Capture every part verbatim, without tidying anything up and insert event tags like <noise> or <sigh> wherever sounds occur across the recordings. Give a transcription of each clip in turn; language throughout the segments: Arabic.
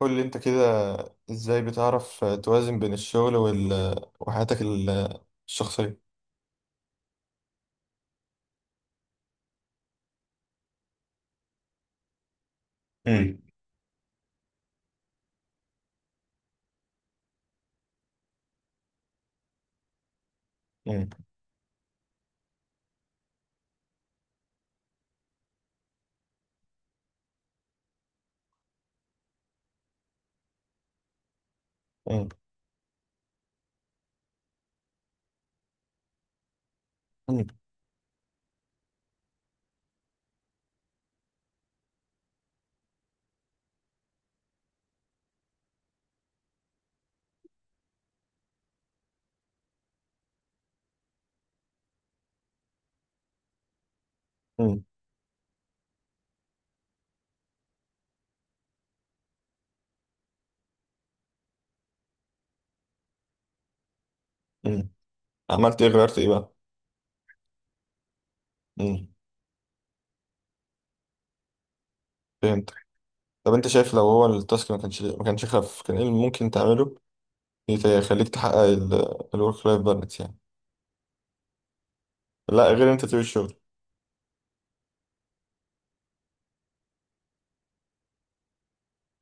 قول لي انت كده، ازاي بتعرف توازن بين الشغل وال... وحياتك ال- الشخصية؟ مم. مم. مم. مم. مم. مم. عملت ايه، غيرت ايه بقى؟ مم. فهمت. طب انت شايف لو هو التاسك ما كانش ما كانش خف، كان ايه اللي ممكن تعمله يت- يخليك تحقق الورك لايف بالانس يعني؟ لا، غير انت تسيب الشغل.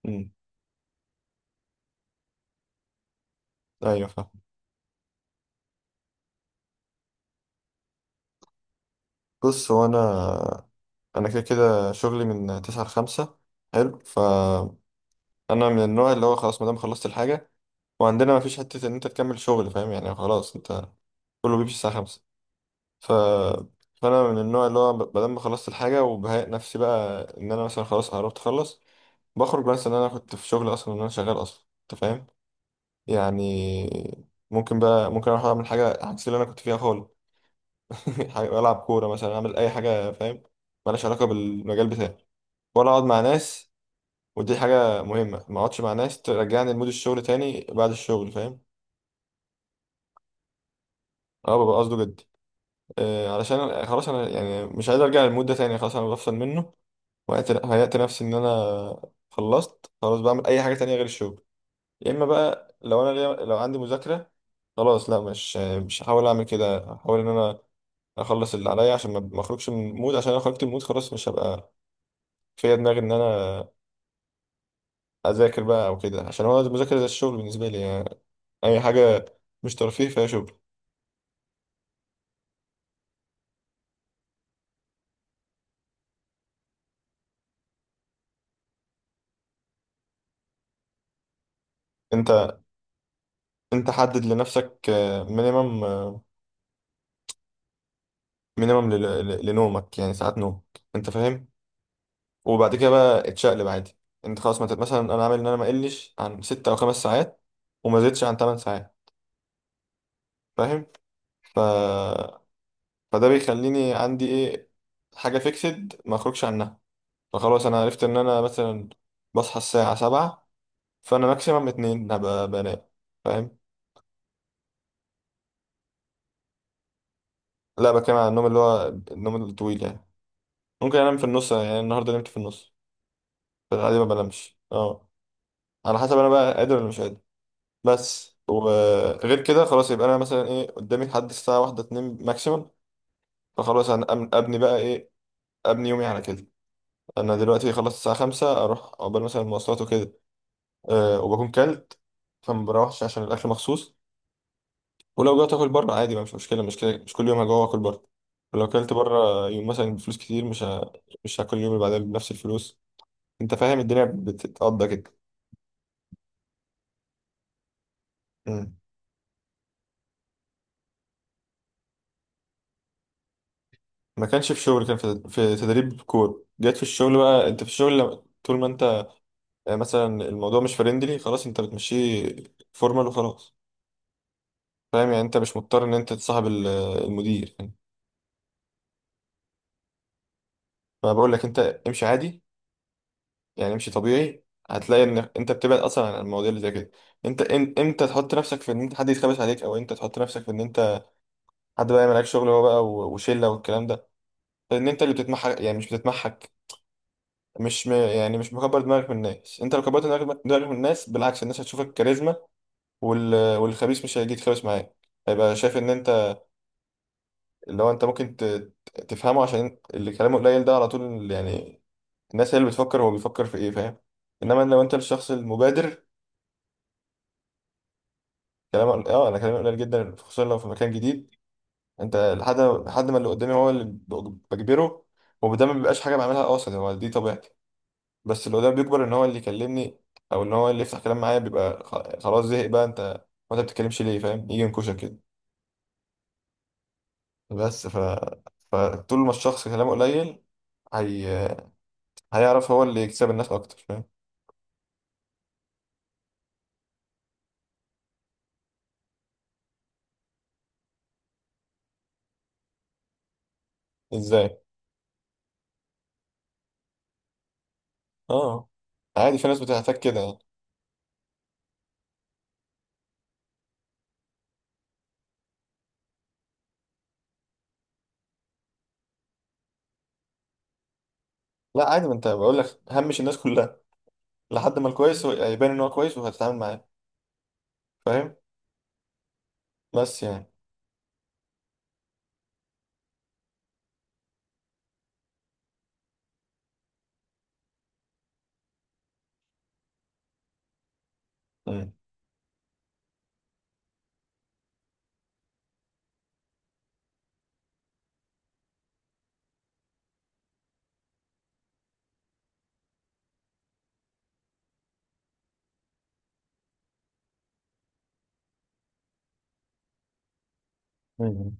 مم. ايوه فاهم. بص، هو انا انا كده كده شغلي من تسعة ل خمسة. حلو، فانا من النوع اللي هو خلاص ما دام خلصت الحاجة، وعندنا ما فيش حتة إن أنت تكمل شغل، فاهم يعني؟ خلاص أنت كله بيمشي الساعة خمسة. ف... فأنا من النوع اللي هو ب- بدل ما خلصت الحاجة وبهيأ نفسي بقى إن أنا مثلا خلاص قربت أخلص، بخرج. بس إن أنا كنت في شغل أصلا، إن أنا شغال أصلا أنت فاهم يعني. ممكن بقى، ممكن أروح أعمل حاجة عكس اللي أنا كنت فيها خالص. <laughs> حاجة- ألعب كورة مثلا، أعمل أي حاجة فاهم، مالهاش علاقة بالمجال بتاعي، ولا أقعد مع ناس. ودي حاجة مهمة، ما أقعدش مع ناس ترجعني لمود الشغل تاني بعد الشغل فاهم. أه، ببقى قصده جد. آه، علشان أنا- خلاص انا يعني مش عايز ارجع للمود ده تاني، خلاص انا بفصل منه. وهيأت هيأت نفسي ان انا خلصت، خلاص بعمل اي حاجه تانية غير الشغل. يا اما بقى لو انا ليا- لو عندي مذاكره، خلاص لا مش مش هحاول اعمل كده. هحاول ان انا اخلص اللي عليا عشان ما ما اخرجش من المود، عشان لو خرجت من المود خلاص مش هبقى فيا دماغي ان انا اذاكر بقى او كده، عشان هو المذاكره زي الشغل بالنسبه لي يعني. اي حاجه مش ترفيه فيها شغل. انت، انت حدد لنفسك مينيمم مينيمم لنومك يعني ساعات نوم انت فاهم. وبعد كده بقى اتشقلب عادي. انت خلاص ما تت- مثلا انا عامل ان انا ما اقلش عن ست او خمس ساعات، وما زدتش عن ثمان ساعات فاهم. ف... فده بيخليني عندي ايه، حاجه فيكسد ما اخرجش عنها. فخلاص انا عرفت ان انا مثلا بصحى الساعه سبعة، فانا ماكسيمم اتنين هبقى بنام فاهم. لا بتكلم على النوم اللي هو النوم الطويل يعني. ممكن انام في النص، يعني النهارده نمت في النص. فالعادي ما بنامش اه، على حسب انا بقى قادر ولا مش قادر. بس وغير كده، خلاص يبقى انا مثلا ايه قدامي لحد الساعه واحدة اتنين ماكسيمم. فخلاص انا أم- ابني بقى ايه، ابني يومي على كده. انا دلوقتي خلصت الساعه خمسة، اروح عقبال مثلا المواصلات وكده. أه وبكون كلت، فما بروحش عشان الاكل مخصوص. ولو جوعت اكل بره عادي ما مش مشكله، مش كده. مش كل يوم هجوع واكل بره. ولو كلت بره يوم مثلا بفلوس كتير مش ه... مش هاكل اليوم اللي بعدها بنفس الفلوس، انت فاهم. الدنيا بتتقضى كده. مم. ما كانش في شغل، كان في في تدريب كور. جت في الشغل بقى، انت في الشغل لما- طول ما انت يعني، مثلا الموضوع مش فريندلي خلاص، انت بتمشيه فورمال وخلاص فاهم يعني. انت مش مضطر ان انت تصاحب ال- المدير يعني. فانا بقول لك انت، امشي عادي، يعني امشي طبيعي. هتلاقي ان انت بتبعد اصلا عن المواضيع اللي زي كده. انت إم- امتى تحط نفسك في ان انت حد يتخبس عليك، او انت تحط نفسك في ان انت حد بقى يعمل عليك شغل هو بقى، و- وشله والكلام ده. لان انت اللي بتتمحك. يعني مش بتتمحك، مش م... يعني مش مكبر دماغك من الناس. انت لو كبرت دماغك دماغك من الناس، بالعكس الناس هتشوفك كاريزما. وال... والخبيث مش هيجي يتخبس معاك، هيبقى شايف ان انت اللي هو انت ممكن ت- ت- تفهمه، عشان اللي كلامه قليل ده على طول يعني. الناس هي اللي بتفكر هو بيفكر في ايه، فاهم. انما لو انت الشخص المبادر. كلامه قل- اه انا كلامي قليل جدا، خصوصا لو في مكان جديد. انت لحد لحد ما اللي قدامي هو اللي بج- بجبره. وده ما بيبقاش حاجه بعملها قاصد، هو دي طبيعتي. بس اللي قدامي بيكبر ان هو اللي يكلمني، او ان هو اللي يفتح كلام معايا. بيبقى خ- خلاص زهق بقى، انت وانت بتتكلمش ليه، فاهم. يجي ينكشك كده. بس ف... فطول ما الشخص كلامه قليل، هي... هيعرف هو اللي يكسب الناس اكتر فاهم. ازاي؟ اه عادي، في ناس بتحتاج كده يعني. لا عادي، ما انت بقول لك همش الناس كلها. لحد ما الكويس هو- يبان ان هو كويس، وهتتعامل معاه فاهم. بس يعني. مم. مم.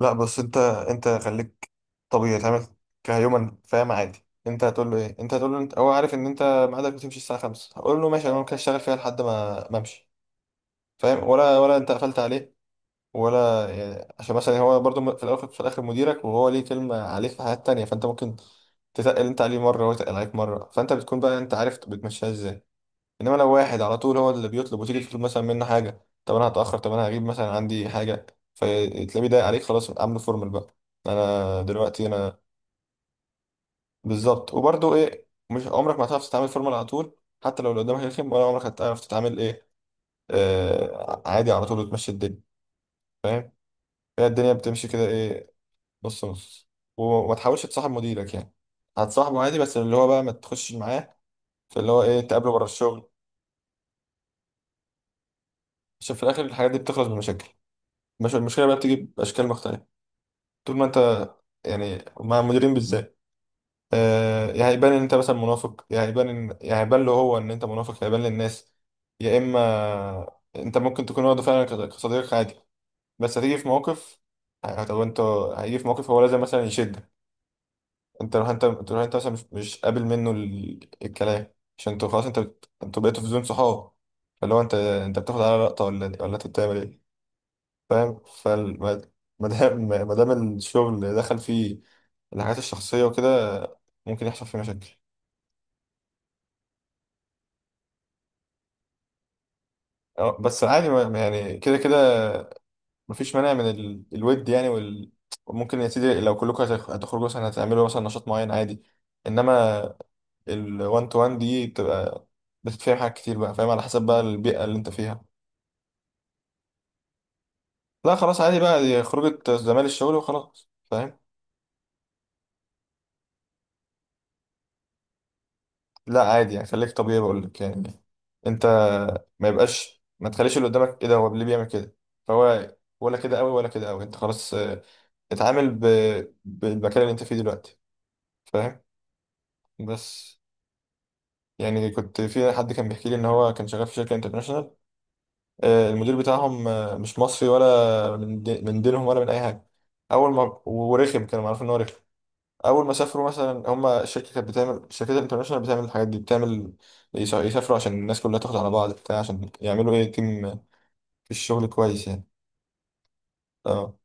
لا بس انت، انت خليك طبيعي تعمل كهيومن فاهم. عادي انت هتقول له ايه، انت هتقول له انت، هو عارف ان انت ميعادك بتمشي الساعه خمسة. هقول له ماشي انا ممكن اشتغل فيها لحد ما ما امشي فاهم، ولا ولا انت قفلت عليه، ولا يعني عشان مثلا هو برضو في الاول في الاخر مديرك، وهو ليه كلمه عليه في حاجات تانية. فانت ممكن تتقل انت عليه مره وهو يتقل عليك مره، فانت بتكون بقى انت عارف بتمشيها ازاي. انما لو واحد على طول هو اللي بيطلب، وتيجي تطلب مثلا منه حاجه، طب انا هتاخر، طب انا هجيب مثلا عندي حاجه، فتلاقيه ضايق عليك. خلاص عامله فورمال بقى. انا دلوقتي انا بالظبط. وبرضو ايه، مش عمرك ما هتعرف تتعامل فورمال على طول. حتى لو اللي قدامك رخم، ولا عمرك هتعرف تتعامل ايه. آه عادي على طول، وتمشي الدنيا فاهم. هي الدنيا بتمشي كده ايه، نص نص. و- وما تحاولش تصاحب مديرك يعني. هتصاحبه عادي بس اللي هو بقى ما تخشش معاه في اللي هو ايه، تقابله بره الشغل. عشان في الاخر الحاجات دي بتخلص بمشاكل. مش المشكله بقى بتيجي باشكال مختلفه، طول ما انت يعني مع المديرين بالذات. آه يا هيبان ان انت مثلا منافق، يا هيبان ان يا هيبان له هو ان انت منافق، يا هيبان للناس. يا اما انت ممكن تكون واخده فعلا كصديق عادي. بس هتيجي في موقف، طب انت هيجي في موقف هو لازم مثلا يشدك. انت لو انت، انت لو انت مثلا مش مش قابل منه ال- الكلام، عشان انتوا خلاص انت بت... انتوا بقيتوا في زون صحاب. فاللي هو انت انت بتاخد على لقطه، ولا ولا انت بتعمل ايه، فاهم. فال ما دام، ما دام <laughs> الشغل دخل فيه الحاجات الشخصيه وكده، ممكن يحصل فيه مشاكل. اه، بس عادي ما- ما يعني كده كده. مفيش مانع من ال... الود يعني وال... وممكن يا سيدي لو كلكم هتخ- هتخرجوا مثلا، هتعملوا مثلا نشاط معين عادي. انما الوان تو وان دي بتبقى، بتتفهم حاجات كتير بقى فاهم، على حسب بقى البيئة اللي انت فيها. لا خلاص، عادي بقى، دي خروجة زمال الشغل وخلاص فاهم. لا عادي يعني، خليك طبيعي بقول لك يعني. انت ما يبقاش ما تخليش اللي قدامك ايه ده، هو ليه بيعمل كده. فهو ولا كده قوي ولا كده قوي، انت خلاص، اه، اتعامل ب... بالمكان اللي انت فيه دلوقتي فاهم. بس يعني، كنت في حد كان بيحكي لي ان هو كان شغال في شركة انترناشونال. آه، المدير بتاعهم آه، مش مصري، ولا من دي- من دينهم، ولا من اي حاجه. اول ما ورخم، كانوا عارفين ان هو رخم. اول ما سافروا مثلا، هم الشركه كانت بتعمل، الشركات الانترناشونال بتعمل الحاجات دي، بتعمل يس- يسافروا عشان الناس كلها تاخد على بعض بتاع، عشان يعملوا ايه، تيم في الشغل كويس يعني. اه،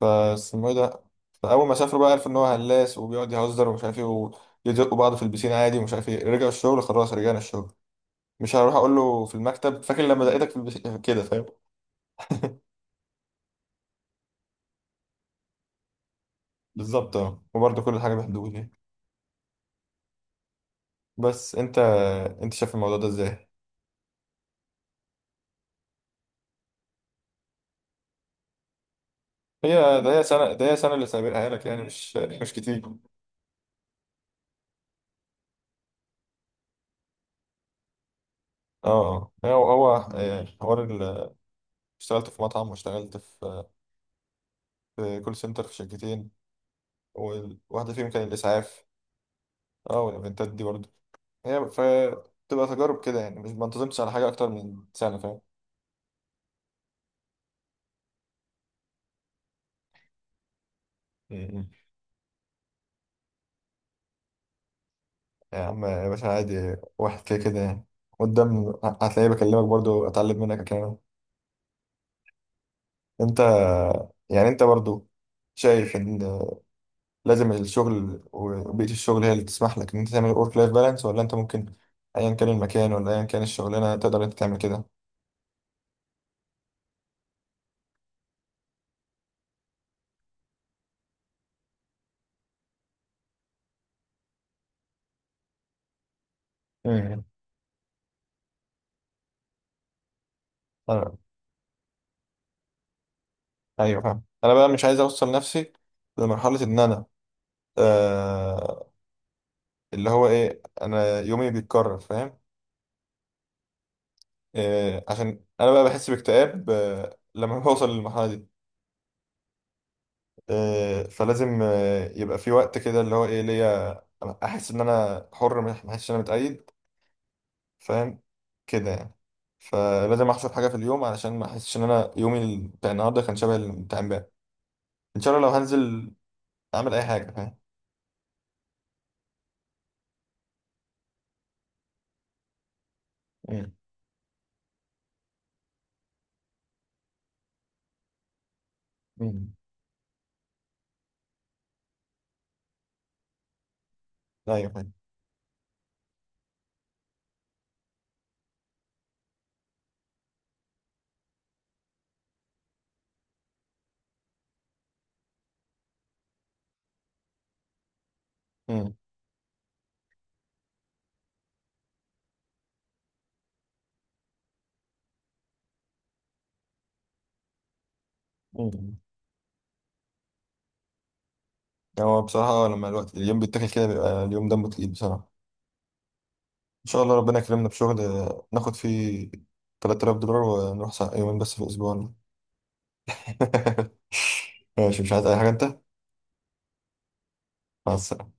فاسمه ايه ده. فاول ما سافروا بقى، عرفوا ان هو هلاس وبيقعد يهزر ومش عارف ايه، ويزقوا بعض في البسين عادي ومش عارف ايه. رجعوا الشغل، خلاص رجعنا الشغل. مش هروح اقول له في المكتب، فاكر لما دقيتك في البسين كده فاهم. بالظبط اه، وبرضه كل حاجه بحدود يعني. بس انت، انت شايف الموضوع ده ازاي؟ هي ده هي سنه ده هي سنه اللي سابقها لك يعني، مش مش كتير اه. اه، هو هو آه، حوار ال- اشتغلت في مطعم، واشتغلت في في كول سنتر في شركتين، وواحده فيهم كان الاسعاف. اه والايفنتات دي برضه هي ف تبقى تجارب كده يعني، مش ما انتظمتش على حاجه اكتر من سنه فاهم. م-م. يا عم يا باشا، عادي واحد كده كده يعني. قدام هتلاقيه بكلمك برضه، اتعلم منك الكلام. انت يعني، انت برضه شايف ان لازم الشغل وبيئة الشغل هي اللي تسمح لك ان انت تعمل ورك لايف بالانس، ولا انت ممكن ايا كان المكان ولا ايا كان الشغلانة تقدر انت تعمل كده؟ امم أنا- ايوه فاهم. انا بقى مش عايز اوصل نفسي لمرحلة ان انا، آه اللي هو ايه انا يومي بيتكرر فاهم. آه عشان انا بقى بحس باكتئاب آه لما <laughs> بوصل للمرحلة دي. آه فلازم آه يبقى في وقت كده اللي هو ايه ليا، احس ان انا حر، ما احسش ان انا متقيد فاهم كده يعني. فلازم احسب حاجه في اليوم، علشان ما احسش ان انا يومي بتاع النهارده كان شبه اللي بتاع امبارح. ان شاء الله لو هنزل اعمل اي حاجه فاهم. مم. مم. ايوه فاهم. مم. مم. هو بصراحه لما الوقت اليوم بيتاكل كده، بيبقى اليوم دمه تقيل بصراحه. ان شاء الله ربنا يكرمنا بشغل ناخد فيه ثلاثة آلاف دولار، ونروح سا- يومين بس في الاسبوع. <laughs> ماشي مش عايز اي حاجه انت. مع السلامه.